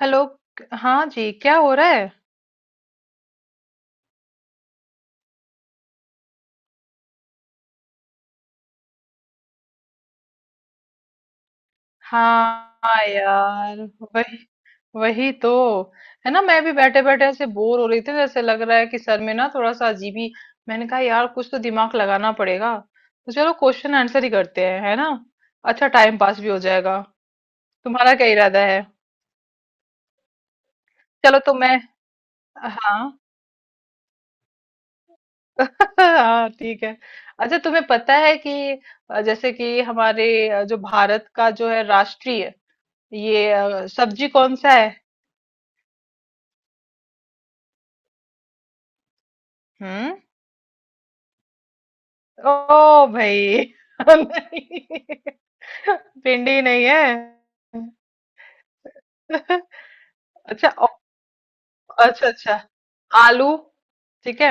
Hello. हाँ जी, क्या हो रहा है? हाँ यार, वही वही तो है ना। मैं भी बैठे बैठे ऐसे बोर हो रही थी, जैसे लग रहा है कि सर में ना थोड़ा सा अजीब ही। मैंने कहा यार, कुछ तो दिमाग लगाना पड़ेगा। तो चलो क्वेश्चन आंसर ही करते हैं, है ना। अच्छा, टाइम पास भी हो जाएगा। तुम्हारा क्या इरादा है? चलो तो मैं, हाँ। हाँ, ठीक है। अच्छा, तुम्हें पता है कि जैसे कि हमारे जो भारत का, जो है राष्ट्रीय, ये सब्जी कौन सा है? हम्म। ओ भाई। नहीं, भिंडी नहीं है। अच्छा, अच्छा अच्छा, आलू ठीक है।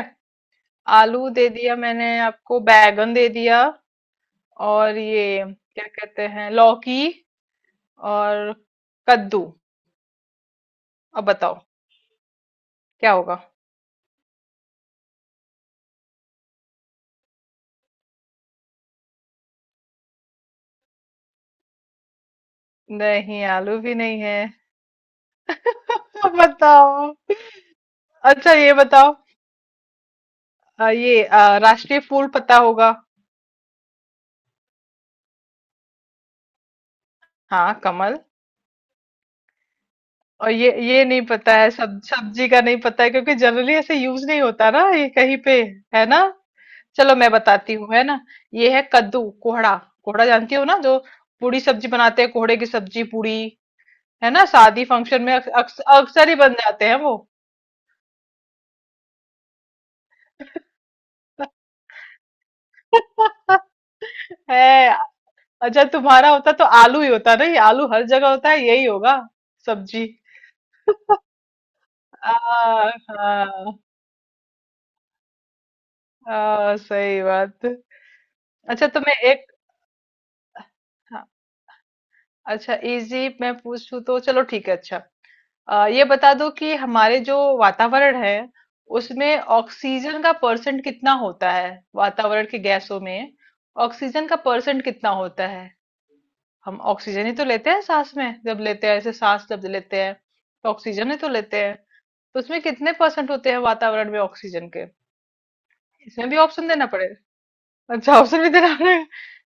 आलू दे दिया, मैंने आपको बैगन दे दिया। और ये क्या कहते हैं, लौकी। और कद्दू। अब बताओ, क्या होगा? नहीं, आलू भी नहीं है। अब बताओ। अच्छा, ये बताओ, ये राष्ट्रीय फूल पता होगा? हाँ, कमल। और ये नहीं पता है, सब सब्जी का नहीं पता है, क्योंकि जनरली ऐसे यूज नहीं होता ना ये कहीं पे, है ना। चलो मैं बताती हूँ, है ना। ये है कद्दू, कोहड़ा। कोहड़ा जानती हो ना, जो पूरी सब्जी बनाते हैं, कोहड़े की सब्जी पूरी। है ना, शादी फंक्शन में अक्सर ही बन जाते हैं वो। है। अच्छा, तुम्हारा होता तो आलू ही होता ना, ये आलू हर जगह होता है, यही होगा सब्जी। आ, हाँ, हाँ, सही बात। अच्छा, तुम्हें एक। हाँ। अच्छा, इजी मैं पूछूं तो चलो ठीक है। अच्छा, ये बता दो कि हमारे जो वातावरण है, उसमें ऑक्सीजन का परसेंट कितना होता है? वातावरण की गैसों में ऑक्सीजन का परसेंट कितना होता है? हम ऑक्सीजन ही तो लेते हैं, सांस में जब लेते हैं, ऐसे सांस जब लेते हैं, तो ऑक्सीजन ही तो लेते हैं। तो उसमें कितने परसेंट होते हैं वातावरण में ऑक्सीजन के? इसमें भी ऑप्शन देना पड़ेगा? अच्छा, ऑप्शन भी देना पड़ेगा।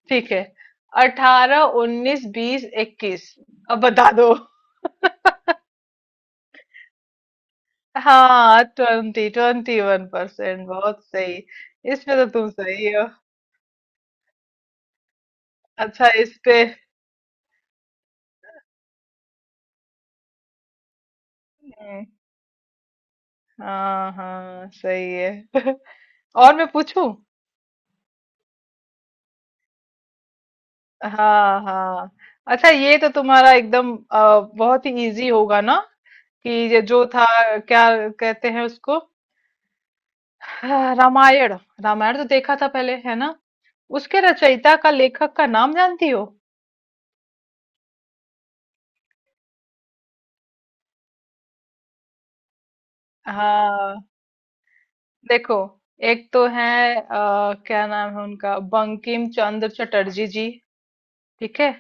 ठीक है, 18, 19, 20, 21। अब बता दो। हाँ, ट्वेंटी ट्वेंटी वन परसेंट, बहुत सही। इसमें तो तुम सही हो। अच्छा, इस पे। हम्म, हाँ हाँ, सही है। और मैं पूछूं। हाँ हाँ। अच्छा, ये तो तुम्हारा एकदम बहुत ही इजी होगा ना, कि ये जो था, क्या कहते हैं उसको। हाँ, रामायण। रामायण तो देखा था पहले, है ना। उसके रचयिता का, लेखक का नाम जानती हो? हाँ, देखो। एक तो है, क्या नाम है उनका, बंकिम चंद्र चटर्जी जी। ठीक है।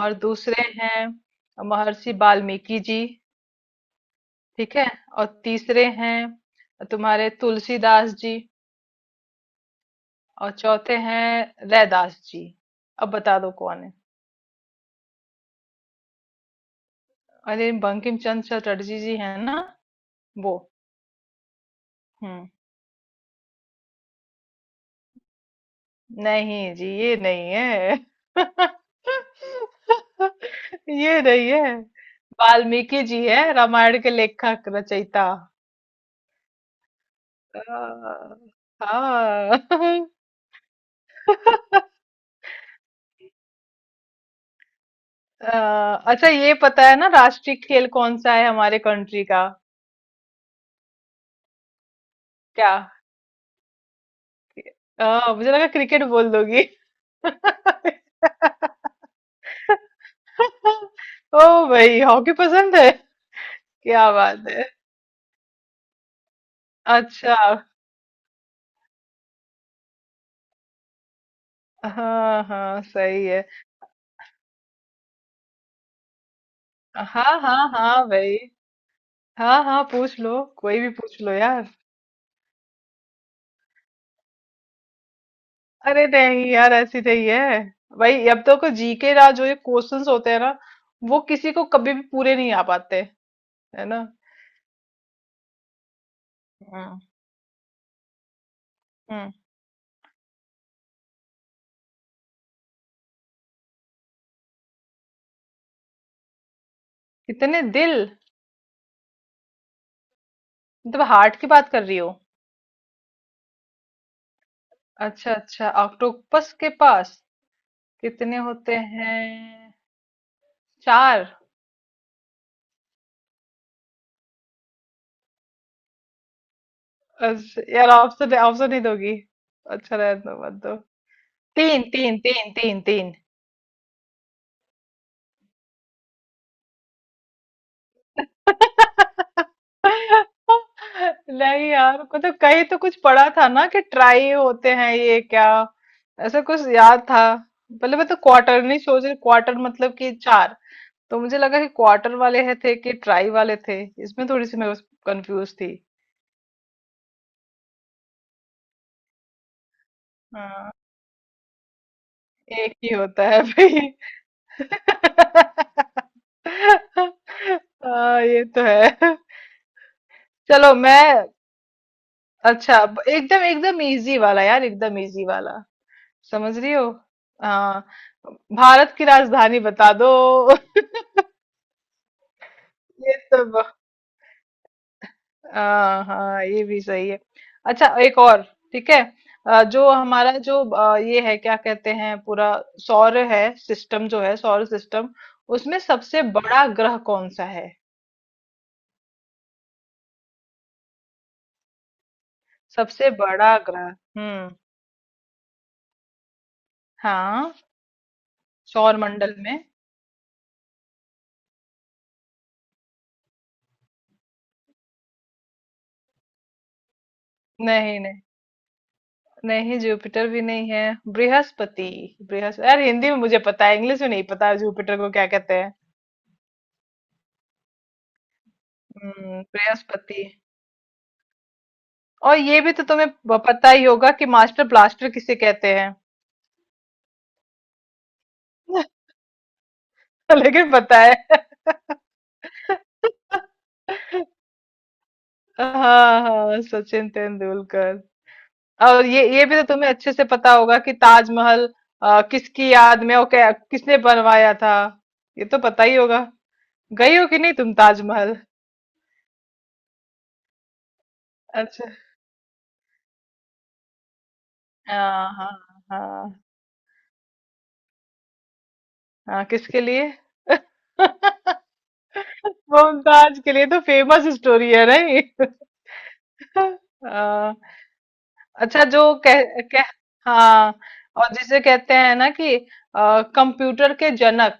और दूसरे हैं महर्षि वाल्मीकि जी। ठीक है। और तीसरे हैं तुम्हारे, तुलसीदास जी। और चौथे हैं रैदास जी। अब बता दो कौन है। अरे, बंकिम चंद्र चटर्जी जी, है ना वो। हम्म। नहीं जी, ये नहीं है। ये नहीं है। वाल्मीकि जी है रामायण के लेखक, रचयिता। हाँ। हाँ। अ, अच्छा, ये पता है ना राष्ट्रीय खेल कौन सा है हमारे कंट्री का? क्या, मुझे लगा क्रिकेट बोल दोगी। ओ भाई, हॉकी पसंद है। क्या बात है। अच्छा, हाँ हाँ, सही है। हाँ हाँ हाँ भाई, हाँ हाँ, पूछ लो, कोई भी पूछ लो यार। अरे नहीं यार, ऐसी नहीं है। भाई, अब तो को जीके ना, जो ये क्वेश्चंस होते हैं ना, वो किसी को कभी भी पूरे नहीं आ पाते, है ना। हम्म हम्म। कितने दिल? मतलब, हार्ट की बात कर रही हो? अच्छा अच्छा, ऑक्टोपस के पास कितने होते हैं, चार? अच्छा, यार, ऑप्शन ऑप्शन नहीं दोगी? अच्छा, रहने दो, मत दो। तीन तीन तीन तीन तीन। नहीं यार, मतलब कहीं तो कुछ पढ़ा था ना कि ट्राई होते हैं, ये क्या, ऐसा कुछ याद था। पहले मैं तो क्वार्टर नहीं सोच रही, क्वार्टर मतलब कि चार। तो मुझे लगा कि क्वार्टर वाले है थे कि ट्राई वाले थे, इसमें थोड़ी सी मैं कंफ्यूज थी। हाँ, एक ही होता है भाई। हाँ, ये तो है। चलो मैं। अच्छा, अब एकदम एकदम इजी वाला यार, एकदम इजी वाला। समझ रही हो? हाँ। भारत की राजधानी बता दो। ये तो ब- हाँ हाँ, ये भी सही है। अच्छा, एक और। ठीक है। जो हमारा जो ये है, क्या कहते हैं, पूरा सौर है सिस्टम, जो है सौर सिस्टम, उसमें सबसे बड़ा ग्रह कौन सा है? सबसे बड़ा ग्रह। हम्म, हाँ, सौर मंडल में। नहीं नहीं। नहीं, जुपिटर भी नहीं है, बृहस्पति। बृहस्पति, यार हिंदी में मुझे पता है, इंग्लिश में नहीं पता जुपिटर को क्या कहते हैं। बृहस्पति। और ये भी तो तुम्हें पता ही होगा कि मास्टर ब्लास्टर किसे कहते हैं? लेकिन पता है। हाँ हाँ, सचिन तेंदुलकर। और ये भी तो तुम्हें अच्छे से पता होगा कि ताजमहल किसकी याद में, और क्या किसने बनवाया था, ये तो पता ही होगा। गई हो कि नहीं तुम ताजमहल? अच्छा, हाँ हाँ हाँ हाँ। किसके लिए? मुमताज के लिए तो फेमस स्टोरी है, नहीं? हाँ। अच्छा, जो कह कह, हाँ, और जिसे कहते हैं ना कि कंप्यूटर के जनक,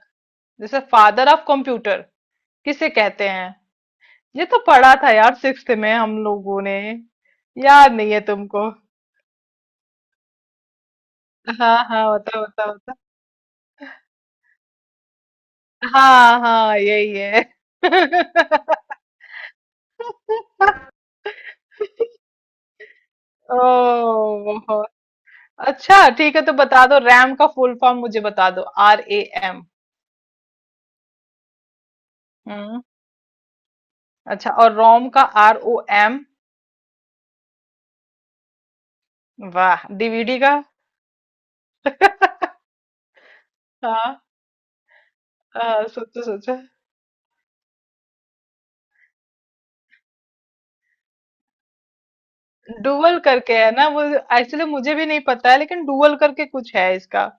जैसे फादर ऑफ कंप्यूटर किसे कहते हैं? ये तो पढ़ा था यार, सिक्स्थ में हम लोगों ने। याद नहीं है तुमको? हाँ हाँ, होता होता होता। हाँ हाँ, यही है। ओ, बहुत। अच्छा, ठीक है, तो बता दो, रैम का फुल फॉर्म मुझे बता दो, RAM। हम्म। अच्छा, और रोम का, ROM। वाह, डीवीडी का। हाँ। हाँ, सोचो सोचो। डुअल करके है ना वो, एक्चुअली मुझे भी नहीं पता है, लेकिन डुअल करके कुछ है इसका।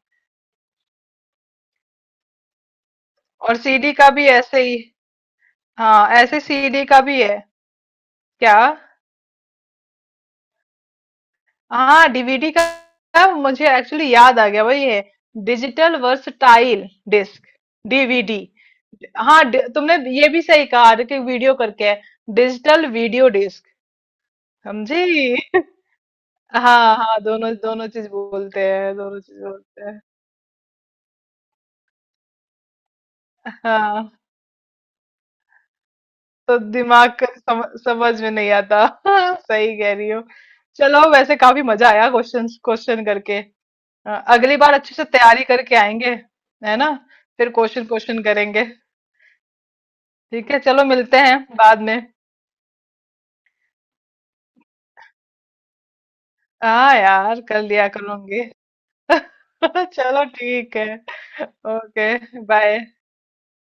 और सीडी का भी ऐसे ही। हाँ ऐसे, सीडी का भी है, क्या। हाँ, डीवीडी का मुझे एक्चुअली याद आ गया, वही है। Digital versatile disc, DVD. हाँ, तुमने ये भी सही कहा कि वीडियो करके है, डिजिटल वीडियो डिस्क, समझी। हाँ हाँ, दोनों दोनों चीज बोलते हैं, दोनों चीज बोलते हैं। हाँ, तो दिमाग का समझ में नहीं आता। सही कह रही हो। चलो, वैसे काफी मजा आया क्वेश्चन क्वेश्चन करके। अगली बार अच्छे से तैयारी करके आएंगे, है ना, फिर क्वेश्चन क्वेश्चन करेंगे। ठीक है, चलो मिलते हैं बाद में। हाँ यार, कर लिया करूंगी। चलो ठीक है। Okay, bye.